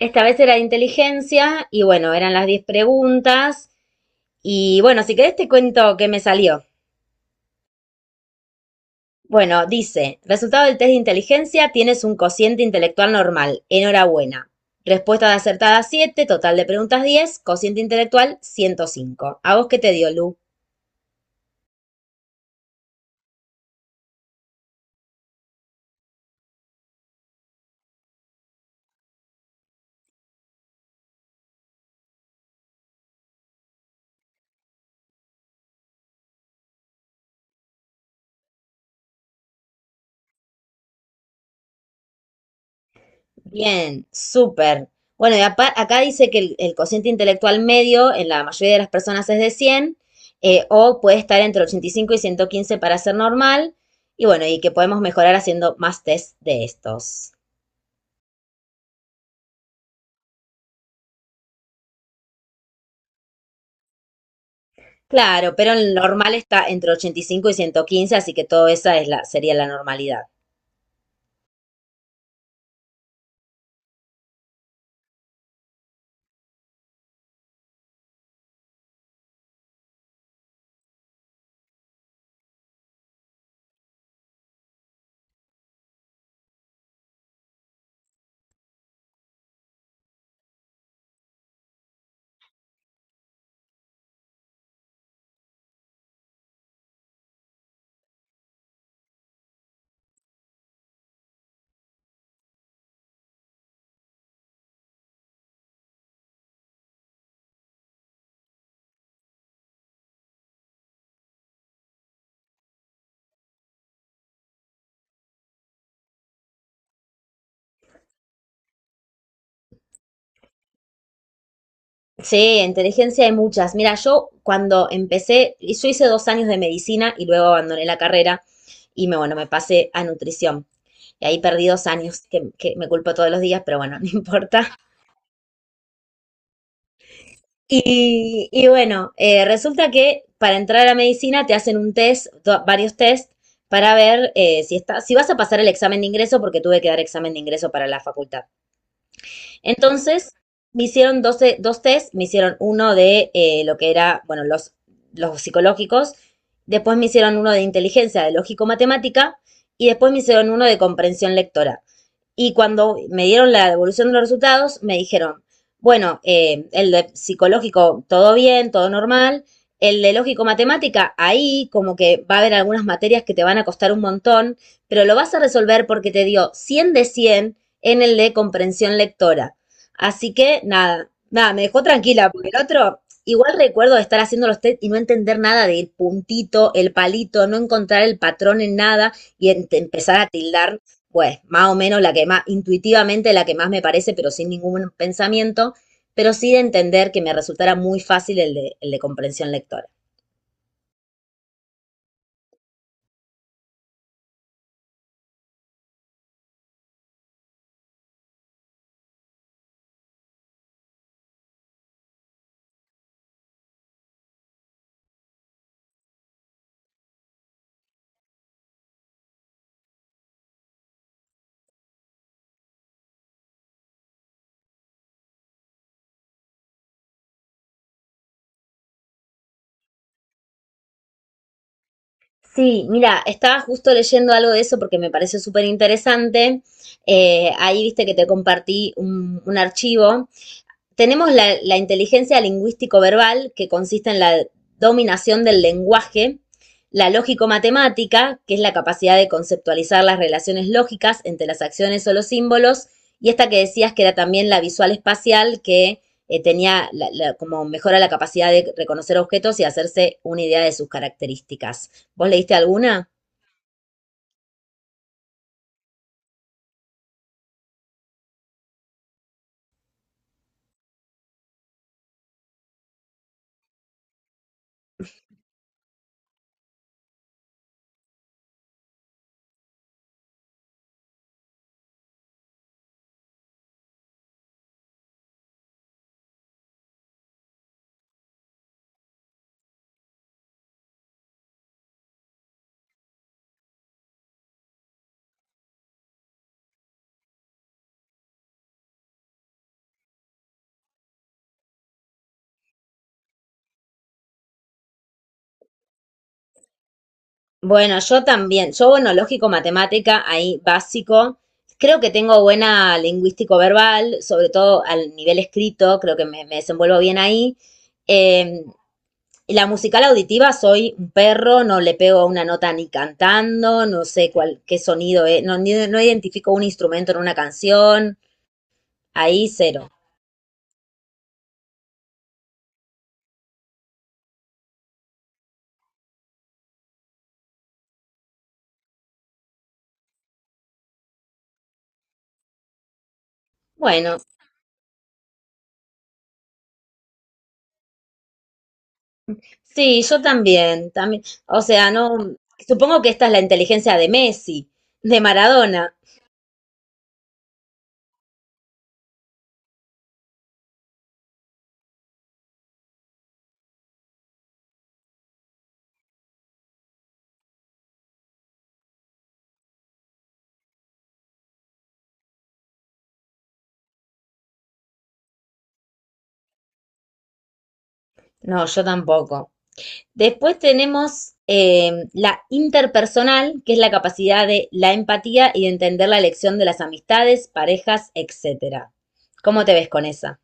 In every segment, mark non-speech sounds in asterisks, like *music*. Esta vez era de inteligencia y bueno, eran las 10 preguntas. Y bueno, si querés te cuento qué me salió. Bueno, dice, resultado del test de inteligencia, tienes un cociente intelectual normal. Enhorabuena. Respuesta de acertada, siete. Total de preguntas, 10. Cociente intelectual, 105. ¿A vos qué te dio, Lu? Bien, súper. Bueno, y acá dice que el cociente intelectual medio en la mayoría de las personas es de 100, o puede estar entre 85 y 115 para ser normal, y bueno, y que podemos mejorar haciendo más test de estos. Claro, pero el normal está entre 85 y ciento quince, así que todo esa es la, sería la normalidad. Sí, inteligencia hay muchas. Mira, yo cuando empecé, y yo hice 2 años de medicina y luego abandoné la carrera y bueno, me pasé a nutrición. Y ahí perdí 2 años, que me culpo todos los días, pero bueno, *laughs* no importa. Y bueno, resulta que para entrar a la medicina te hacen un test, varios test, para ver, si vas a pasar el examen de ingreso, porque tuve que dar examen de ingreso para la facultad. Entonces, me hicieron 12 dos test, me hicieron uno de, lo que era, bueno, los, psicológicos. Después me hicieron uno de inteligencia, de lógico-matemática, y después me hicieron uno de comprensión lectora. Y cuando me dieron la devolución de los resultados, me dijeron, bueno, el de psicológico, todo bien, todo normal. El de lógico-matemática, ahí como que va a haber algunas materias que te van a costar un montón, pero lo vas a resolver porque te dio 100 de 100 en el de comprensión lectora. Así que nada, nada, me dejó tranquila, porque el otro, igual recuerdo de estar haciendo los test y no entender nada del puntito, el palito, no encontrar el patrón en nada y empezar a tildar pues más o menos la que más intuitivamente la que más me parece, pero sin ningún pensamiento, pero sí de entender que me resultara muy fácil el de comprensión lectora. Sí, mira, estaba justo leyendo algo de eso porque me pareció súper interesante. Ahí viste que te compartí un, archivo. Tenemos la, inteligencia lingüístico-verbal, que consiste en la dominación del lenguaje, la lógico-matemática, que es la capacidad de conceptualizar las relaciones lógicas entre las acciones o los símbolos, y esta que decías que era también la visual-espacial, que, tenía la, como mejora la capacidad de reconocer objetos y hacerse una idea de sus características. ¿Vos leíste alguna? Bueno, yo también. Yo, bueno, lógico, matemática, ahí básico. Creo que tengo buena lingüístico verbal, sobre todo al nivel escrito, creo que me desenvuelvo bien ahí. Eh, la musical auditiva, soy un perro, no le pego a una nota ni cantando, no sé cuál, qué sonido es, no, no identifico un instrumento en una canción, ahí cero. Bueno, sí, yo también, también, o sea, no, supongo que esta es la inteligencia de Messi, de Maradona. No, yo tampoco. Después tenemos, la interpersonal, que es la capacidad de la empatía y de entender la elección de las amistades, parejas, etcétera. ¿Cómo te ves con esa?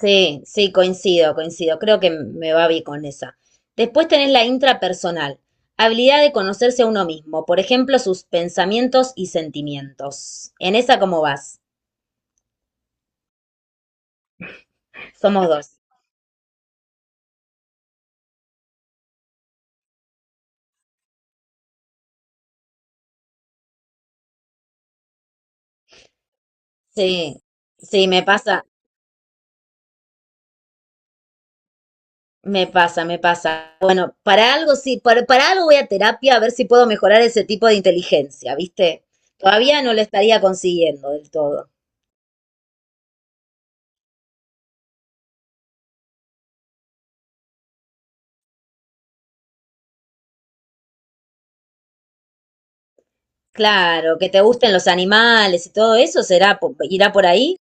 Sí, sí, coincido, coincido. Creo que me va bien con esa. Después tenés la intrapersonal, habilidad de conocerse a uno mismo, por ejemplo, sus pensamientos y sentimientos. ¿En esa cómo vas? Somos dos. Sí, sí, me pasa, me pasa, me pasa. Bueno, para algo sí, para algo voy a terapia a ver si puedo mejorar ese tipo de inteligencia, ¿viste? Todavía no lo estaría consiguiendo del todo. Claro, que te gusten los animales y todo eso, será, irá por ahí.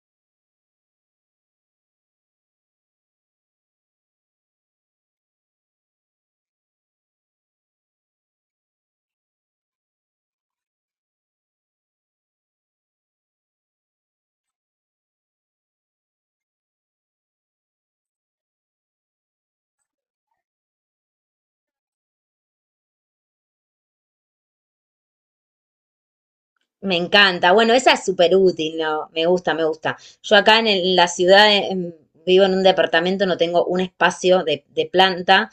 Me encanta. Bueno, esa es súper útil, ¿no? Me gusta, me gusta. Yo acá en la ciudad, vivo en un departamento, no tengo un espacio de planta,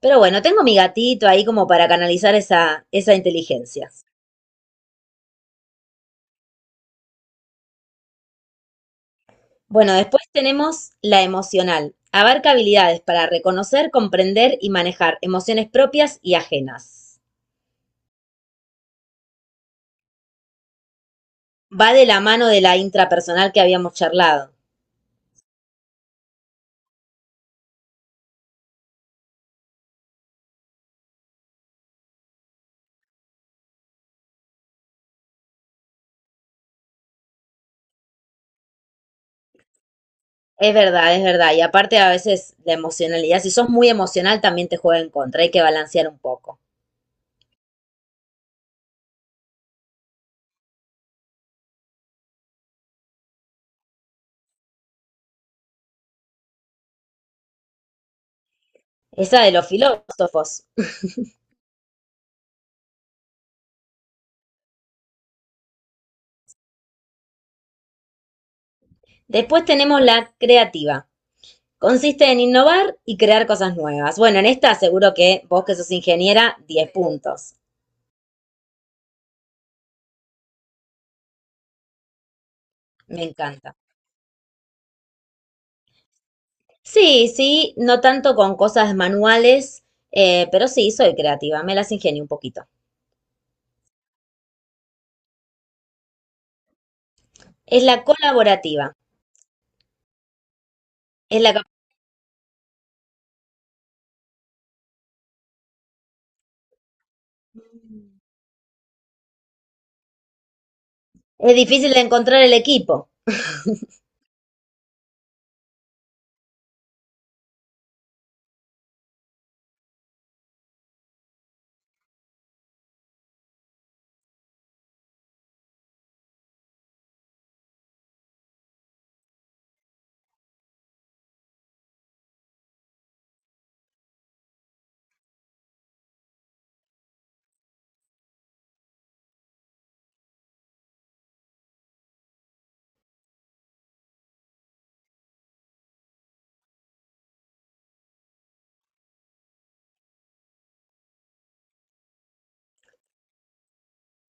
pero bueno, tengo mi gatito ahí como para canalizar esa inteligencia. Bueno, después tenemos la emocional. Abarca habilidades para reconocer, comprender y manejar emociones propias y ajenas. Va de la mano de la intrapersonal que habíamos charlado. Es verdad, es verdad. Y aparte a veces la emocionalidad, si sos muy emocional también te juega en contra, hay que balancear un poco. Esa de los filósofos. Después tenemos la creativa. Consiste en innovar y crear cosas nuevas. Bueno, en esta seguro que vos que sos ingeniera, 10 puntos. Me encanta. Sí, sí, no tanto con cosas manuales, pero sí, soy creativa, me las ingenio un poquito. Es la colaborativa. es la, cap- Mm. Es difícil de encontrar el equipo.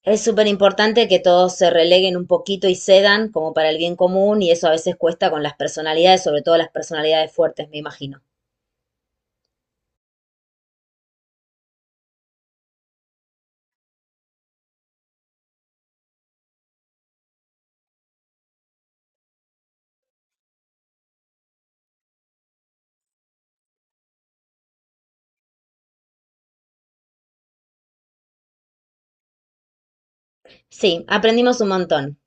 Es súper importante que todos se releguen un poquito y cedan como para el bien común y eso a veces cuesta con las personalidades, sobre todo las personalidades fuertes, me imagino. Sí, aprendimos un montón.